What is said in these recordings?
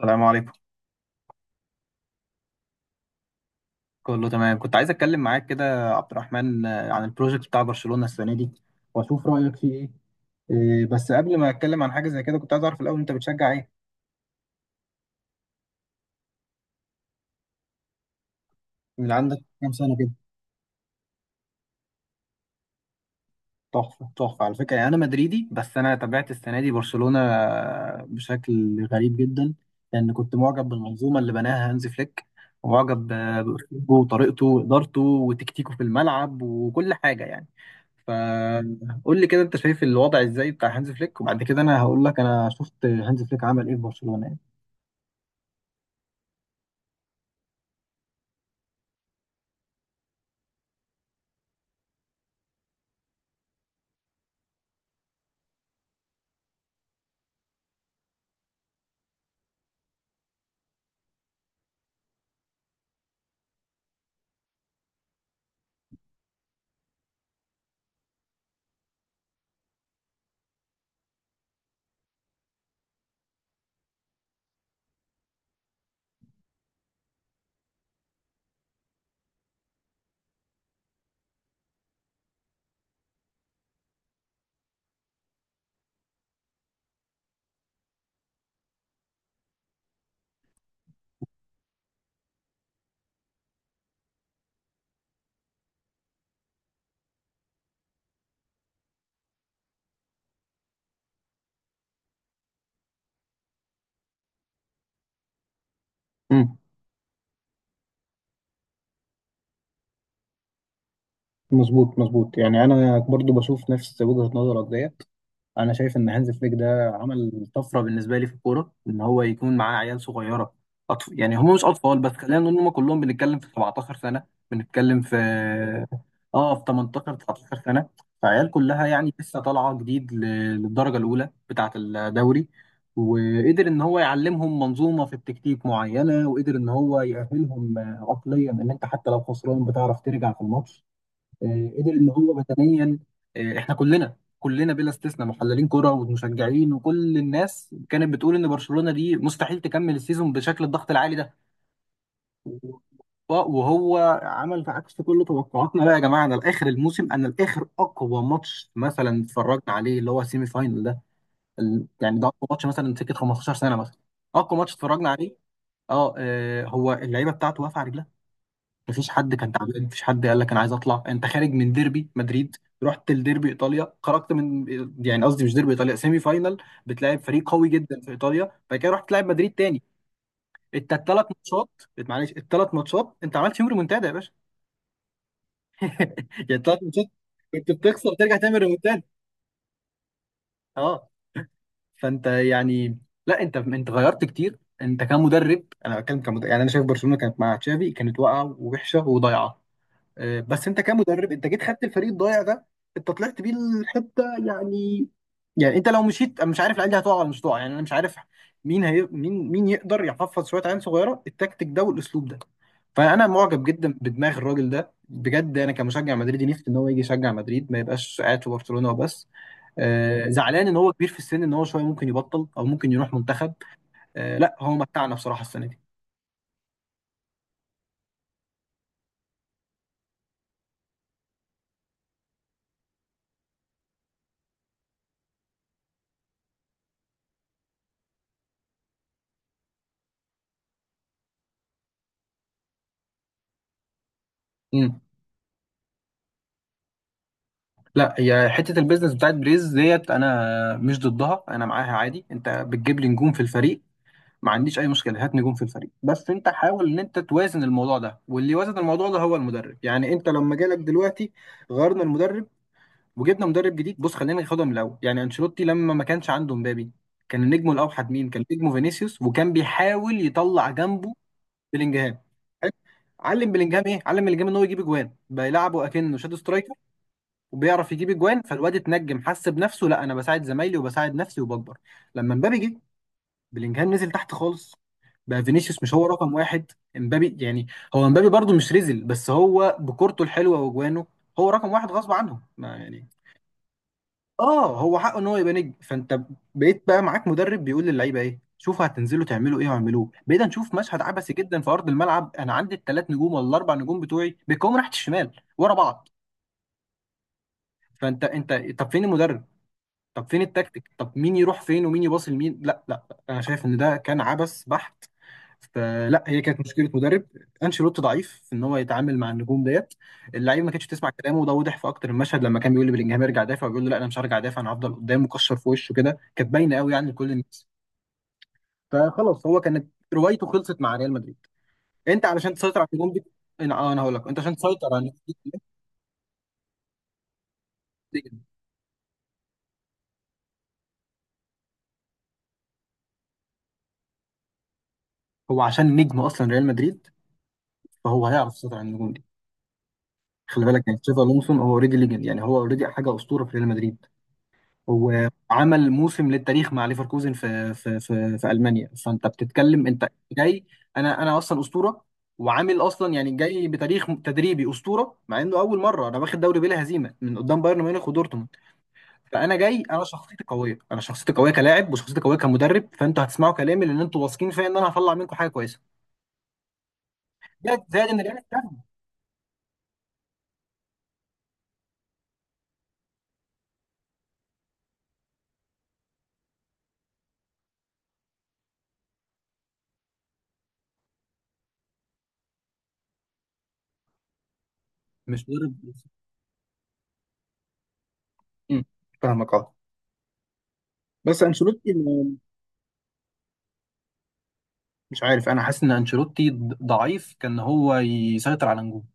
السلام عليكم. كله تمام، كنت عايز اتكلم معاك كده يا عبد الرحمن، عن البروجكت بتاع برشلونة السنة دي واشوف رأيك فيه. ايه، بس قبل ما اتكلم عن حاجة زي كده كنت عايز اعرف الاول انت بتشجع ايه؟ من اللي عندك كام سنة؟ تحفة تحفة على فكرة. يعني أنا مدريدي بس أنا تابعت السنة دي برشلونة بشكل غريب جدا، لأن كنت معجب بالمنظومة اللي بناها هانز فليك ومعجب بأسلوبه وطريقته وإدارته وتكتيكه في الملعب وكل حاجة يعني. فقول لي كده، أنت شايف الوضع إزاي بتاع هانز فليك؟ وبعد كده أنا هقول لك أنا شفت هانز فليك عمل إيه في برشلونة يعني. امم. مظبوط مظبوط، يعني أنا برضو بشوف نفس وجهة نظرك ديت. انا شايف ان هانز فليك ده عمل طفره بالنسبه لي في الكوره، ان هو يكون معاه عيال صغيره. يعني هم مش اطفال، بس خلينا نقول ان هم كلهم بنتكلم في 17 سنه، بنتكلم في اه في 18 19 سنه. فعيال كلها يعني لسه طالعه جديد للدرجه الاولى بتاعه الدوري، وقدر ان هو يعلمهم منظومه في التكتيك معينه، وقدر ان هو يأهلهم عقليا ان انت حتى لو خسران بتعرف ترجع في الماتش. قدر ان هو بدنيا. احنا كلنا كلنا بلا استثناء محللين كرة ومشجعين وكل الناس كانت بتقول ان برشلونة دي مستحيل تكمل السيزون بشكل الضغط العالي ده. وهو عمل في عكس كل توقعاتنا. بقى يا جماعة، انا لاخر الموسم، انا لاخر اقوى ماتش مثلا اتفرجنا عليه اللي هو السيمي فاينل ده. يعني ده اقوى ماتش مثلا سكة 15 سنة مثلا، اقوى ماتش اتفرجنا عليه. هو اللعيبة بتاعته واقفة على رجلها. مفيش حد كان تعبان، مفيش حد قال لك انا عايز اطلع. انت خارج من ديربي مدريد، رحت لديربي ايطاليا، خرجت من، يعني قصدي مش ديربي ايطاليا، سيمي فاينال، بتلاعب فريق قوي جدا في ايطاليا، بعد كده رحت تلعب مدريد تاني. انت الثلاث ماتشات، معلش الثلاث ماتشات انت عملت فيهم ريمونتادا يا باشا. يعني الثلاث ماتشات كنت بتخسر وترجع تعمل ريمونتادا. اه، فانت يعني، لا انت غيرت كتير انت كمدرب، انا بتكلم كمدرب. يعني انا شايف برشلونه كانت مع تشافي كانت واقعه ووحشه وضايعه، بس انت كمدرب انت جيت خدت الفريق الضايع ده، انت طلعت بيه الحته يعني. يعني انت لو مشيت انا مش عارف العيال دي هتقع ولا مش هتقع، يعني انا مش عارف مين هي مين مين يقدر يحفظ شويه عيال صغيره التكتيك ده والاسلوب ده. فانا معجب جدا بدماغ الراجل ده بجد، انا كمشجع مدريدي نفسي ان هو يجي يشجع مدريد، ما يبقاش قاعد في برشلونه وبس. زعلان ان هو كبير في السن، ان هو شويه ممكن يبطل او ممكن يروح منتخب. لا هو متعنا بصراحه السنه دي. لا هي حته البيزنس بتاعت بريز ديت انا مش ضدها، انا معاها عادي. انت بتجيب لي نجوم في الفريق، ما عنديش اي مشكله، هات نجوم في الفريق بس انت حاول ان انت توازن الموضوع ده. واللي وازن الموضوع ده هو المدرب، يعني انت لما جالك دلوقتي غيرنا المدرب وجبنا مدرب جديد. بص خلينا ناخدها من الاول، يعني انشيلوتي لما ما كانش عنده مبابي كان نجمه الاوحد، مين كان نجمه؟ فينيسيوس. وكان بيحاول يطلع جنبه بلينجهام. حلو؟ علم بلينجهام ايه؟ علم بلينجهام ان هو يجيب اجوان بيلعبه اكنه شادو سترايكر، وبيعرف يجيب اجوان. فالواد اتنجم حس بنفسه، لا انا بساعد زمايلي وبساعد نفسي وبكبر. لما مبابي جه، بلينجهام نزل تحت خالص، بقى فينيسيوس مش هو رقم واحد، امبابي يعني. هو امبابي برضو مش رزل، بس هو بكورته الحلوه واجوانه هو رقم واحد غصب عنه ما يعني. اه، هو حقه ان هو يبقى نجم. فانت بقيت بقى معاك مدرب بيقول للعيبه ايه، شوفوا هتنزلوا تعملوا ايه واعملوه، بقينا نشوف مشهد عبثي جدا في ارض الملعب. انا عندي الثلاث نجوم ولا الاربع نجوم بتوعي بيقوموا ناحيه الشمال ورا بعض. فانت انت، طب فين المدرب؟ طب فين التكتيك؟ طب مين يروح فين ومين يباصي لمين؟ لا لا، انا شايف ان ده كان عبث بحت. فلا، هي كانت مشكله مدرب، انشيلوتي ضعيف في ان هو يتعامل مع النجوم ديت. اللعيبه ما كانتش تسمع كلامه، وده وضح في اكتر المشهد لما كان بيقول لبلينجهام ارجع دافع، وبيقول له لا انا مش هرجع دافع انا هفضل قدام، مكشر في وشه كده، كانت باينه قوي يعني لكل الناس. فخلاص هو كانت روايته خلصت مع ريال مدريد. انت علشان تسيطر على النجوم دي، انا انا هقول لك، انت عشان تسيطر على النجوم دي هو عشان نجم اصلا ريال مدريد، فهو هيعرف يسيطر على النجوم دي. خلي بالك يعني تشافي الونسو هو اوريدي ليجند، يعني هو اوريدي حاجه اسطوره في ريال مدريد. هو عمل موسم للتاريخ مع ليفركوزن في المانيا. فانت بتتكلم انت جاي، انا اصلا اسطوره. وعامل اصلا يعني جاي بتاريخ تدريبي اسطوره، مع انه اول مره انا واخد دوري بلا هزيمه من قدام بايرن ميونخ ودورتموند. فانا جاي، انا شخصيتي قويه، انا شخصيتي قويه كلاعب وشخصيتي قويه كمدرب. فانتوا هتسمعوا كلامي لان انتوا واثقين فيا ان انا هطلع منكم حاجه كويسه. زائد زائد ان ريال مش مدرب، مش مدرب بس. مم. فاهمك اه، بس انشيلوتي. مش عارف، انا حاسس ان انشيلوتي ضعيف كان هو يسيطر على النجوم.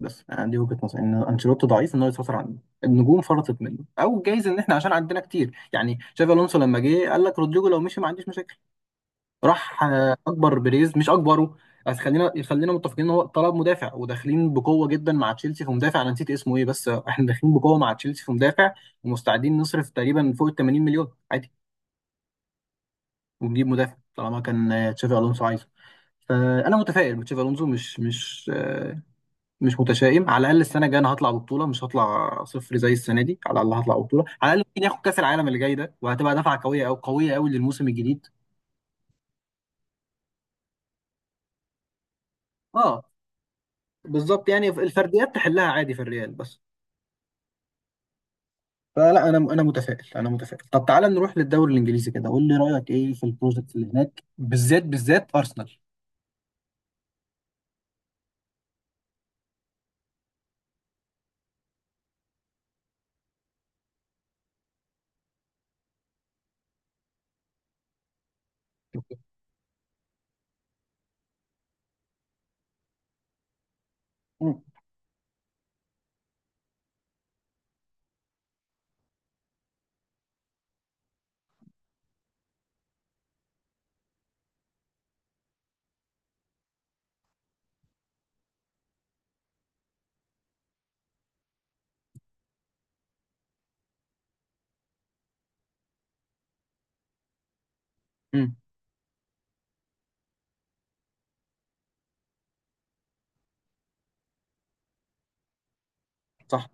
بس انا دي وجهة نظري، ان انشيلوتي ضعيف ان هو يسيطر على النجوم. النجوم فرطت منه، او جايز ان احنا عشان عندنا كتير. يعني شافي الونسو لما جه قال لك رودريجو لو مشي ما عنديش مشاكل. راح اكبر بيريز مش اكبره. بس خلينا خلينا متفقين ان هو طلب مدافع، وداخلين بقوه جدا مع تشيلسي في مدافع، انا نسيت اسمه ايه بس، احنا داخلين بقوه مع تشيلسي في مدافع، ومستعدين نصرف تقريبا فوق ال 80 مليون عادي، ونجيب مدافع طالما كان تشافي الونسو عايزه. فانا متفائل بتشافي الونزو، مش متشائم. على الاقل السنه الجايه انا هطلع ببطوله، مش هطلع صفر زي السنه دي. على الاقل هطلع ببطوله، على الاقل ممكن ياخد كاس العالم اللي جاي ده، وهتبقى دفعه قويه او قويه قوي للموسم الجديد. اه بالظبط، يعني الفرديات تحلها عادي في الريال بس. فلا انا متفائل، انا متفائل. طب تعالى نروح للدوري الانجليزي كده، قول لي رايك ايه في البروجكت اللي هناك، بالذات بالذات ارسنال. مم. مم. صح.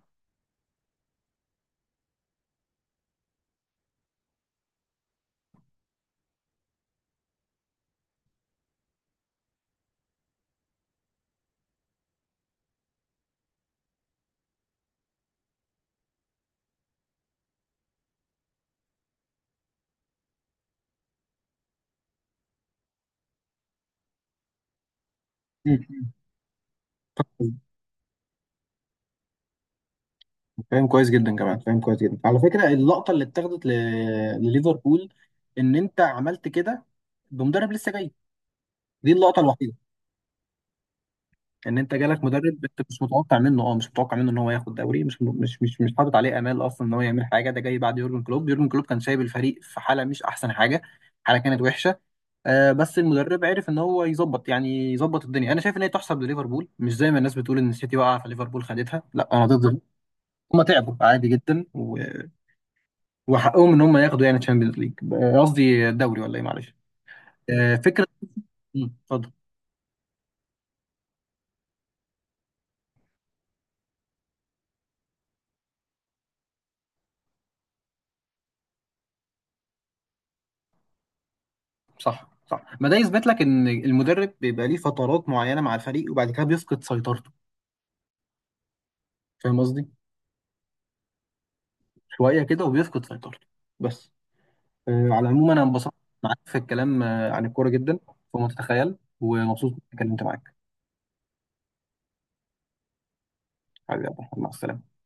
مم. مم. فاهم كويس جدا كمان، فاهم كويس جدا على فكره، اللقطه اللي اتاخدت لليفربول، ان انت عملت كده بمدرب لسه جاي، دي اللقطه الوحيده. ان انت جالك مدرب انت مش متوقع منه ان هو ياخد دوري، مش حاطط عليه امال اصلا ان هو يعمل حاجه. ده جاي بعد يورجن كلوب. يورجن كلوب كان سايب الفريق في حاله مش احسن حاجه، حاله كانت وحشه. بس المدرب عرف ان هو يظبط، يعني يظبط الدنيا. انا شايف ان هي تحسب لليفربول، مش زي ما الناس بتقول ان السيتي وقع فليفربول خدتها، لا انا ضد ده. هما تعبوا عادي جدا، وحقهم ان هم ياخدوا يعني تشامبيونز ليج، قصدي دوري ولا ايه معلش. فكره. مم، اتفضل. صح صح، ما ده يثبت لك ان المدرب بيبقى ليه فترات معينه مع الفريق وبعد كده بيفقد سيطرته. فاهم قصدي؟ شويه كده وبيفقد سيطرته. بس على العموم انا انبسطت معاك في الكلام عن الكوره جدا، فما تتخيل. ومبسوط إني اتكلمت معاك. حبيبي يا عبد الرحمن، مع السلامه.